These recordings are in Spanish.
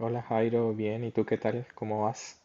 Hola Jairo, bien, ¿y tú qué tal? ¿Cómo vas?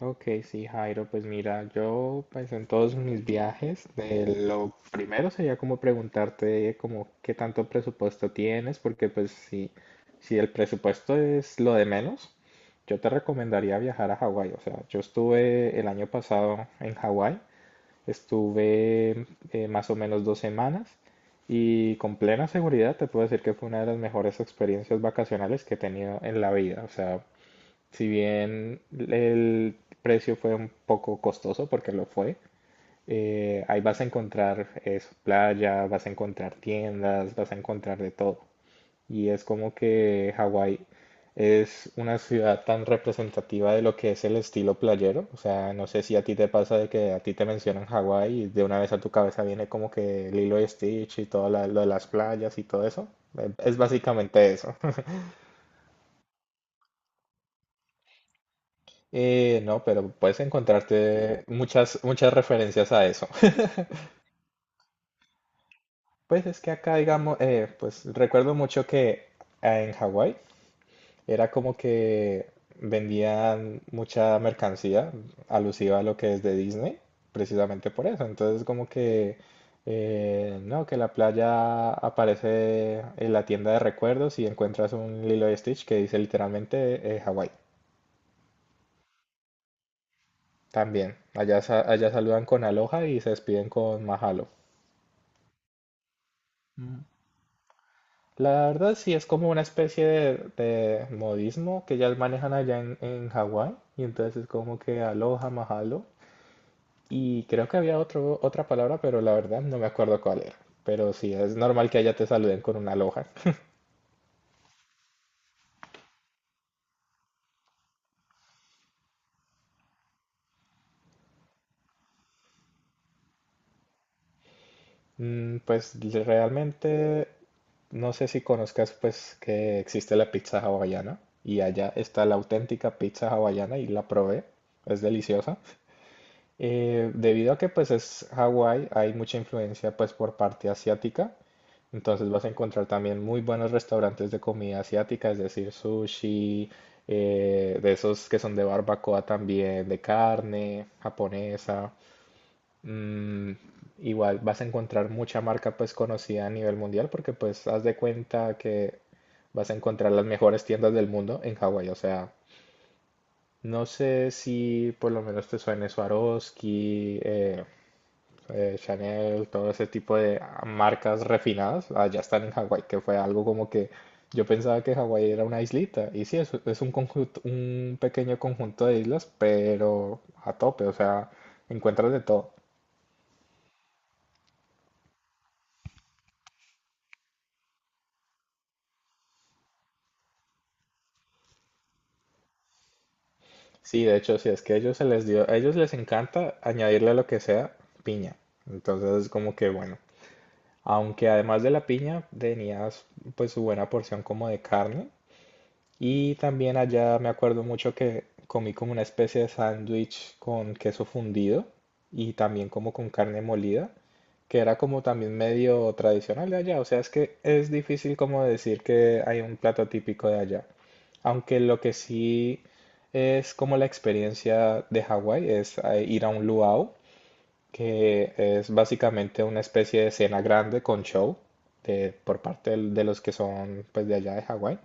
Ok, sí Jairo, pues mira, yo pues en todos mis viajes, lo primero sería como preguntarte como qué tanto presupuesto tienes, porque pues si el presupuesto es lo de menos, yo te recomendaría viajar a Hawái, o sea, yo estuve el año pasado en Hawái, estuve más o menos 2 semanas. Y con plena seguridad te puedo decir que fue una de las mejores experiencias vacacionales que he tenido en la vida. O sea, si bien el precio fue un poco costoso, porque lo fue, ahí vas a encontrar eso, playa, vas a encontrar tiendas, vas a encontrar de todo. Y es como que Hawái es una ciudad tan representativa de lo que es el estilo playero. O sea, no sé si a ti te pasa de que a ti te mencionan Hawái y de una vez a tu cabeza viene como que Lilo y Stitch y todo lo de las playas y todo eso. Es básicamente eso. No, pero puedes encontrarte muchas, muchas referencias a eso. Pues es que acá, digamos, pues recuerdo mucho que en Hawái era como que vendían mucha mercancía alusiva a lo que es de Disney, precisamente por eso. Entonces, como que, no, que la playa aparece en la tienda de recuerdos y encuentras un Lilo y Stitch que dice literalmente Hawái. También, allá, allá saludan con aloha y se despiden con mahalo. La verdad sí es como una especie de modismo que ya manejan allá en Hawái y entonces es como que aloha, mahalo y creo que había otro, otra palabra pero la verdad no me acuerdo cuál era. Pero sí, es normal que allá te saluden con una aloha. Pues realmente no sé si conozcas pues que existe la pizza hawaiana y allá está la auténtica pizza hawaiana y la probé, es deliciosa. Debido a que pues es Hawái, hay mucha influencia pues por parte asiática, entonces vas a encontrar también muy buenos restaurantes de comida asiática, es decir, sushi, de esos que son de barbacoa también, de carne japonesa. Mm, Igual vas a encontrar mucha marca pues conocida a nivel mundial porque pues haz de cuenta que vas a encontrar las mejores tiendas del mundo en Hawái, o sea. No sé si por lo menos te suene Swarovski, Chanel, todo ese tipo de marcas refinadas, allá están en Hawái, que fue algo como que yo pensaba que Hawái era una islita, y sí, es un conjunto, un pequeño conjunto de islas, pero a tope, o sea, encuentras de todo. Sí, de hecho, sí, es que a ellos se les dio, a ellos les encanta añadirle lo que sea, piña. Entonces, como que bueno, aunque además de la piña tenías pues su buena porción como de carne, y también allá me acuerdo mucho que comí como una especie de sándwich con queso fundido y también como con carne molida, que era como también medio tradicional de allá. O sea, es que es difícil como decir que hay un plato típico de allá. Aunque lo que sí es como la experiencia de Hawái es ir a un luau, que es básicamente una especie de cena grande con show por parte de los que son pues de allá de Hawái.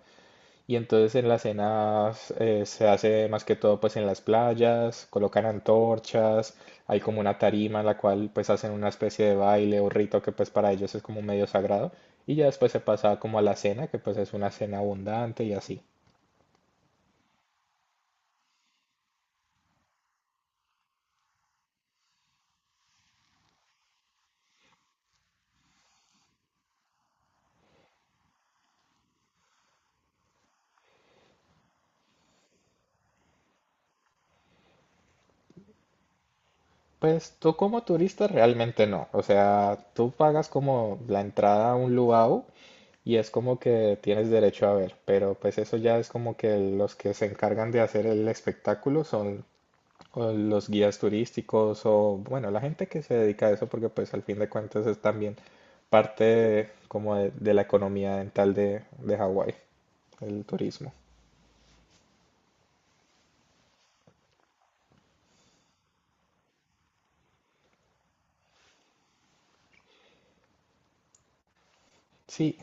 Y entonces en las cenas se hace más que todo pues en las playas, colocan antorchas, hay como una tarima en la cual pues hacen una especie de baile o rito que pues para ellos es como medio sagrado y ya después se pasa como a la cena que pues es una cena abundante y así. Pues tú como turista realmente no, o sea, tú pagas como la entrada a un luau y es como que tienes derecho a ver, pero pues eso ya es como que los que se encargan de hacer el espectáculo son o los guías turísticos o, bueno, la gente que se dedica a eso porque pues al fin de cuentas es también parte como de la economía dental de Hawái, el turismo. Sí,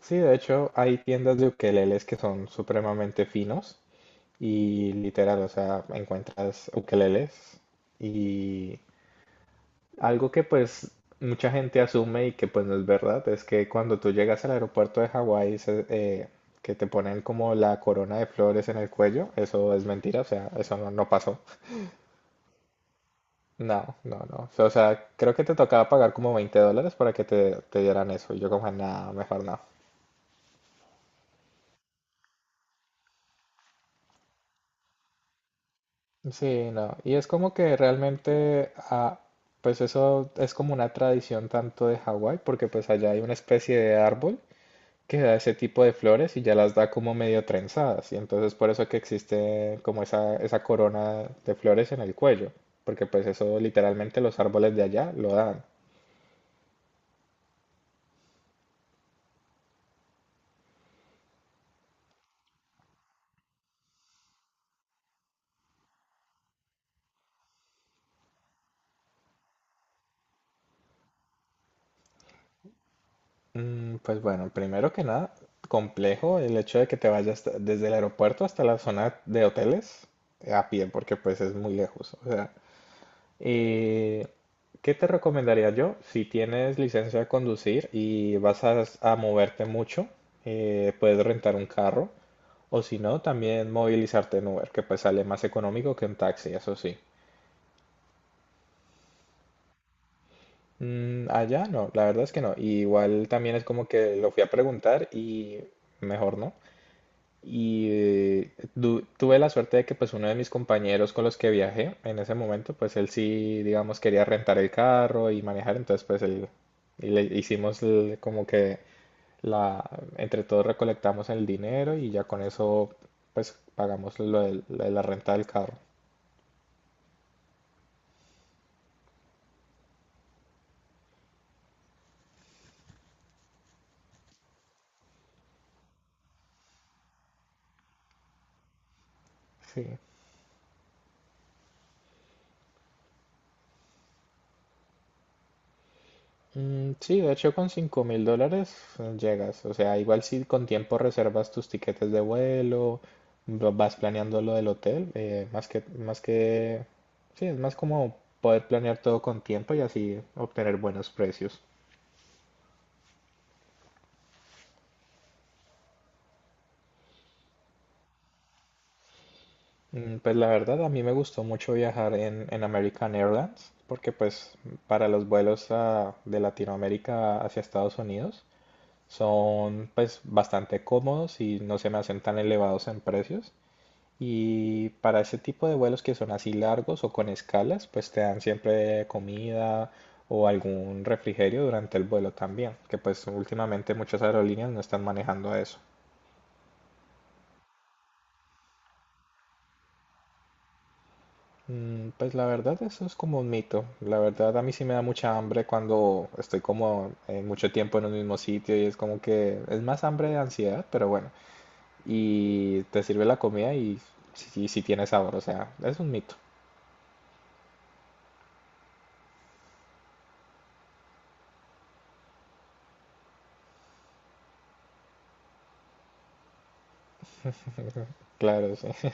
sí, de hecho hay tiendas de ukeleles que son supremamente finos y literal, o sea, encuentras ukeleles y algo que pues mucha gente asume y que pues no es verdad es que cuando tú llegas al aeropuerto de Hawái que te ponen como la corona de flores en el cuello, eso es mentira, o sea, eso no, no pasó. No, no, no. O sea, creo que te tocaba pagar como $20 para que te dieran eso. Y yo como, nada, mejor no. Sí, no. Y es como que realmente, pues eso es como una tradición tanto de Hawái, porque pues allá hay una especie de árbol que da ese tipo de flores y ya las da como medio trenzadas. Y entonces por eso que existe como esa corona de flores en el cuello. Porque pues eso literalmente los árboles de allá lo dan. Pues bueno, primero que nada, complejo el hecho de que te vayas desde el aeropuerto hasta la zona de hoteles a pie, porque pues es muy lejos. O sea, Eh, ¿qué te recomendaría yo? Si tienes licencia de conducir y vas a moverte mucho, puedes rentar un carro o si no, también movilizarte en Uber, que pues sale más económico que un taxi, eso sí. Allá no, la verdad es que no. Y igual también es como que lo fui a preguntar y mejor no. Y tuve la suerte de que pues uno de mis compañeros con los que viajé en ese momento, pues él sí, digamos, quería rentar el carro y manejar, entonces pues él, y le hicimos como que la, entre todos recolectamos el dinero y ya con eso pues pagamos lo de la renta del carro. Sí. Mm, sí, de hecho con $5.000 llegas. O sea, igual si con tiempo reservas tus tiquetes de vuelo, vas planeando lo del hotel, más que, sí, es más como poder planear todo con tiempo y así obtener buenos precios. Pues la verdad, a mí me gustó mucho viajar en American Airlines, porque pues para los vuelos de Latinoamérica hacia Estados Unidos son pues bastante cómodos y no se me hacen tan elevados en precios. Y para ese tipo de vuelos que son así largos o con escalas, pues te dan siempre comida o algún refrigerio durante el vuelo también, que pues últimamente muchas aerolíneas no están manejando eso. Pues la verdad eso es como un mito. La verdad a mí sí me da mucha hambre cuando estoy como mucho tiempo en un mismo sitio y es como que es más hambre de ansiedad, pero bueno. Y te sirve la comida y si tiene sabor, o sea, es un mito. Claro, sí.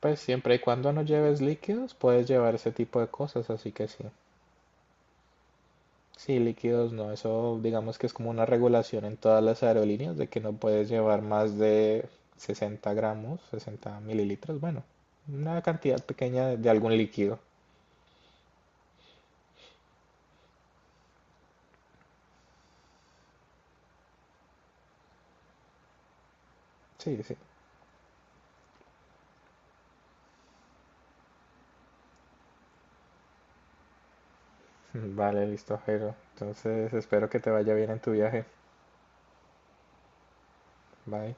Pues siempre y cuando no lleves líquidos, puedes llevar ese tipo de cosas, así que sí. Sí, líquidos no, eso digamos que es como una regulación en todas las aerolíneas de que no puedes llevar más de 60 gramos, 60 mililitros, bueno, una cantidad pequeña de algún líquido. Sí, sí. Vale, listo, Jero. Entonces espero que te vaya bien en tu viaje. Bye.